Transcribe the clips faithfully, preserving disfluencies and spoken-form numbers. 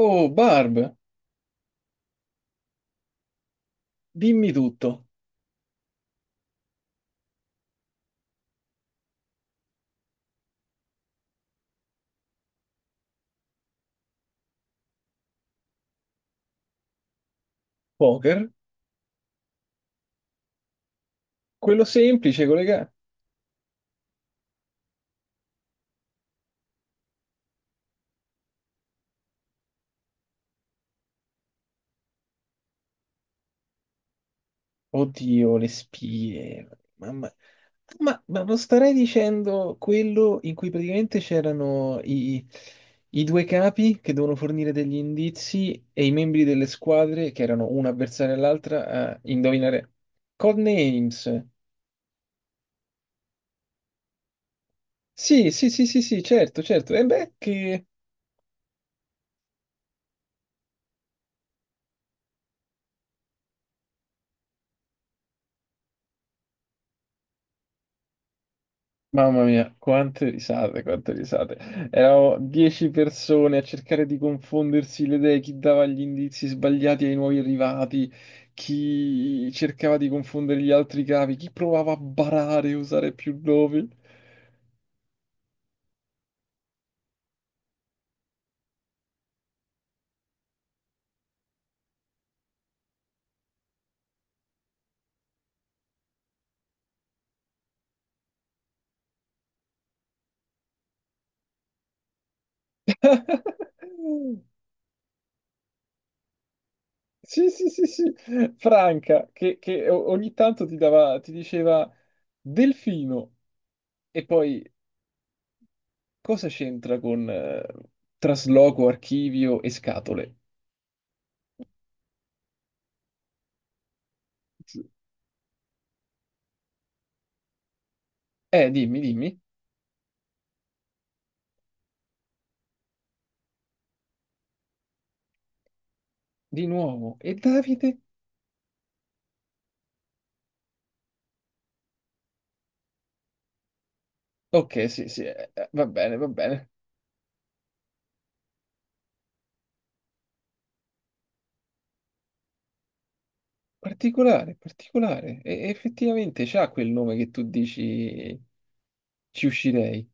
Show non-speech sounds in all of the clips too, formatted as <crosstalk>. Oh, Barb, dimmi tutto. Poker? Quello semplice, collega. Oddio, le spie. Mamma. Ma, ma non starei dicendo quello in cui praticamente c'erano i, i due capi che devono fornire degli indizi e i membri delle squadre, che erano una avversaria all'altra, a indovinare Codenames. Sì, sì, sì, sì, sì, certo, certo. E beh, che Mamma mia, quante risate, quante risate. Eravamo dieci persone a cercare di confondersi le idee, chi dava gli indizi sbagliati ai nuovi arrivati, chi cercava di confondere gli altri capi, chi provava a barare e usare più nomi. <laughs> Sì, sì, sì, sì. Franca, che, che o- ogni tanto ti dava, ti diceva Delfino, e poi cosa c'entra con eh, trasloco, archivio e scatole? Eh, dimmi, dimmi. Di nuovo, e Davide? Ok, sì, sì, eh, eh, va bene, va bene. Particolare, particolare. E e effettivamente c'ha quel nome che tu dici, ci uscirei.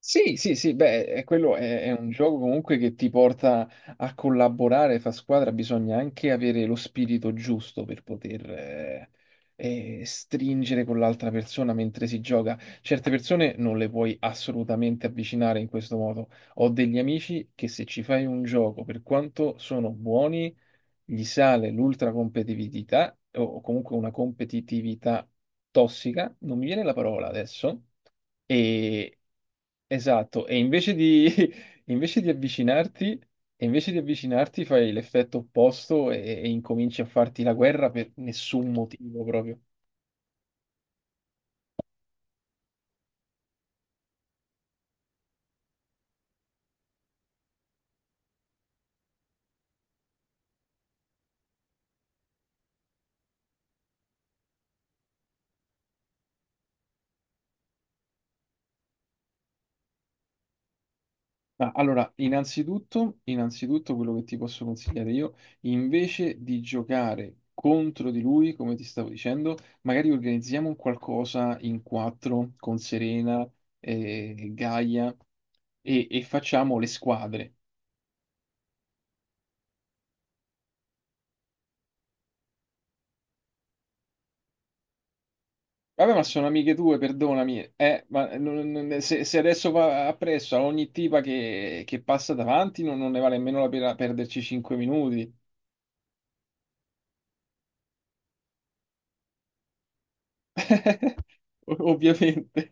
Sì, sì, sì, beh, è- quello è, è un gioco comunque che ti porta a collaborare, fa squadra, bisogna anche avere lo spirito giusto per poter eh, eh, stringere con l'altra persona mentre si gioca. Certe persone non le puoi assolutamente avvicinare in questo modo. Ho degli amici che, se ci fai un gioco, per quanto sono buoni, gli sale l'ultracompetitività o comunque una competitività tossica, non mi viene la parola adesso, e esatto, e invece di, <laughs> invece di avvicinarti, e invece di avvicinarti fai l'effetto opposto, e, e incominci a farti la guerra per nessun motivo proprio. Ah, allora, innanzitutto, innanzitutto quello che ti posso consigliare io, invece di giocare contro di lui, come ti stavo dicendo, magari organizziamo un qualcosa in quattro con Serena, eh, Gaia e, e facciamo le squadre. Vabbè, ma sono amiche tue, perdonami. Eh, ma non- non- se, se adesso va appresso a ogni tipa che, che passa davanti, non, non ne vale nemmeno la pena perderci cinque minuti. <laughs> Ovviamente.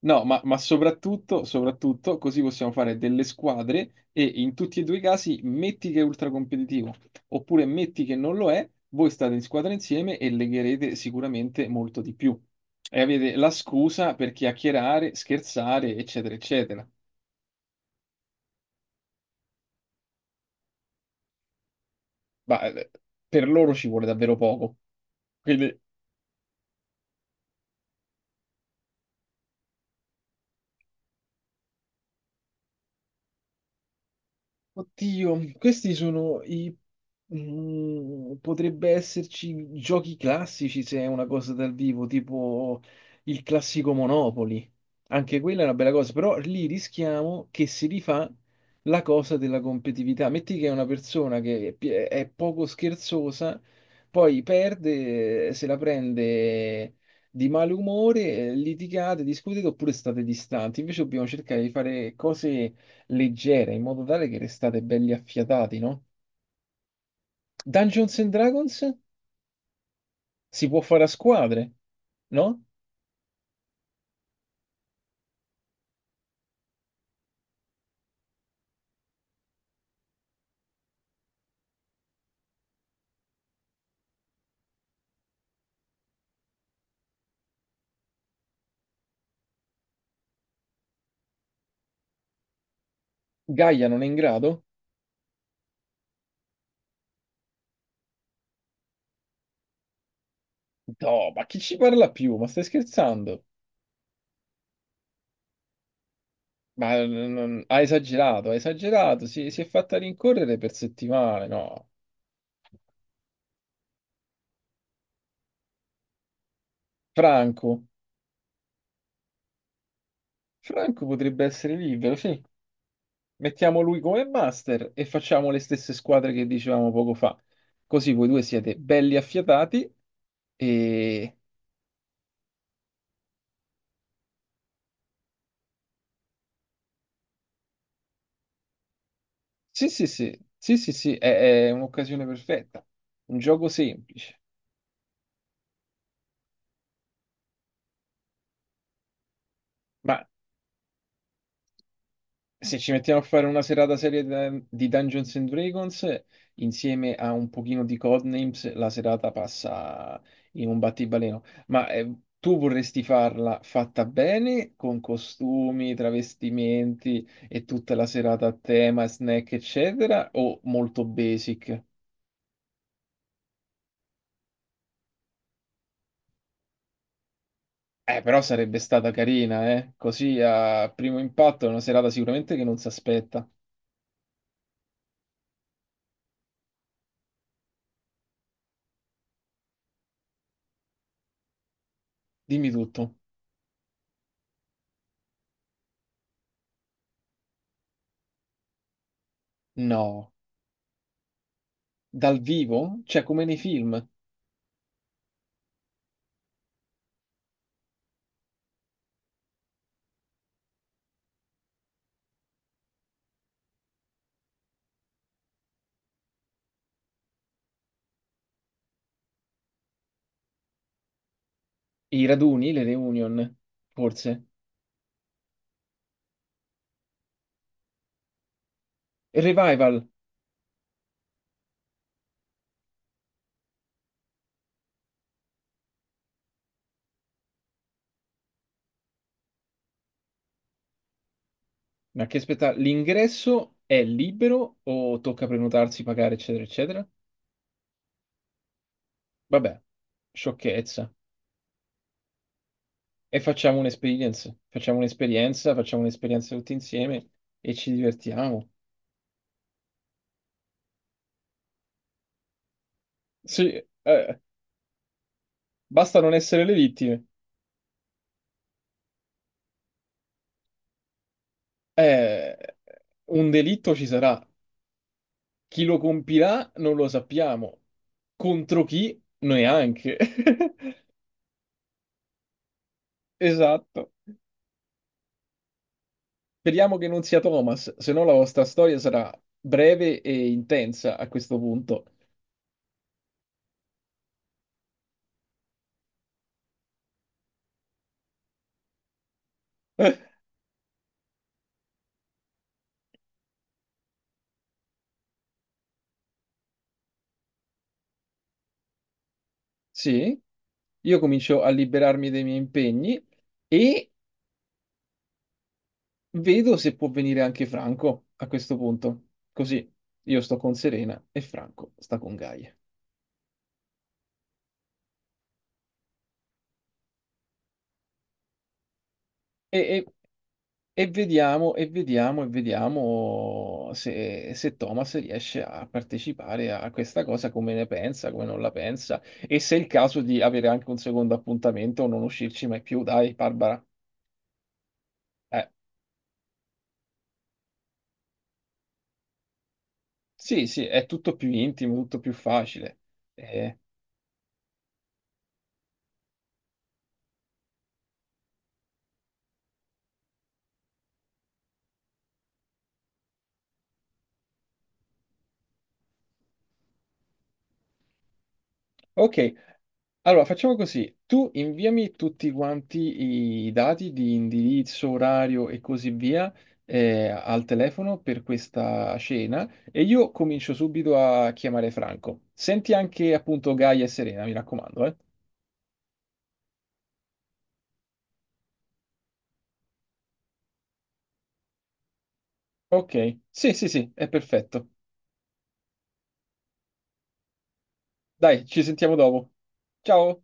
No, ma, ma soprattutto, soprattutto così possiamo fare delle squadre, e in tutti e due i casi, metti che è ultracompetitivo oppure metti che non lo è, voi state in squadra insieme e legherete sicuramente molto di più. E avete la scusa per chiacchierare, scherzare, eccetera, eccetera. Ma eh, per loro ci vuole davvero poco. Quindi Oddio, questi sono i... mm, potrebbe esserci giochi classici se è una cosa dal vivo, tipo il classico Monopoli. Anche quella è una bella cosa, però lì rischiamo che si rifà la cosa della competitività. Metti che è una persona che è pi- è poco scherzosa, poi perde, se la prende di malumore, litigate, discutete, oppure state distanti. Invece dobbiamo cercare di fare cose leggere in modo tale che restate belli affiatati, no? Dungeons and Dragons si può fare a squadre, no? Gaia non è in grado? No, ma chi ci parla più? Ma stai scherzando? Ma n- non- ha esagerato, ha esagerato. Si, si è fatta rincorrere per settimane, no? Franco. Franco potrebbe essere libero, sì. Mettiamo lui come master e facciamo le stesse squadre che dicevamo poco fa. Così voi due siete belli affiatati. e Sì, sì, sì, sì, sì, sì, è, è un'occasione perfetta. Un gioco semplice. Ma se ci mettiamo a fare una serata serie da- di Dungeons and Dragons, insieme a un pochino di Codenames, la serata passa in un battibaleno. Ma eh, tu vorresti farla fatta bene, con costumi, travestimenti e tutta la serata a tema, snack, eccetera, o molto basic? Eh, però sarebbe stata carina, eh? Così a primo impatto è una serata sicuramente che non si aspetta. Dimmi tutto. No, dal vivo? Cioè come nei film, i raduni, le reunion, forse. Il revival, ma che spettacolo. L'ingresso è libero o tocca prenotarsi, pagare, eccetera, eccetera? Vabbè, sciocchezza. E facciamo un'esperienza. Facciamo un'esperienza, facciamo un'esperienza tutti insieme e ci divertiamo. Sì, eh, basta non essere le vittime. Eh, un delitto ci sarà. Chi lo compirà non lo sappiamo. Contro chi? Neanche. <laughs> Esatto. Speriamo che non sia Thomas, se no la vostra storia sarà breve e intensa a questo punto. <laughs> Sì, io comincio a liberarmi dei miei impegni e vedo se può venire anche Franco a questo punto. Così io sto con Serena e Franco sta con Gaia. E, e E vediamo, e vediamo, e vediamo se, se Thomas riesce a partecipare a questa cosa, come ne pensa, come non la pensa, e se è il caso di avere anche un secondo appuntamento o non uscirci mai più. Dai, Barbara. Eh, sì, sì, è tutto più intimo, tutto più facile. Eh, ok, allora, facciamo così. Tu inviami tutti quanti i dati di indirizzo, orario e così via eh, al telefono per questa cena e io comincio subito a chiamare Franco. Senti anche appunto Gaia e Serena, mi raccomando, eh. Ok, sì, sì, sì, è perfetto. Dai, ci sentiamo dopo. Ciao.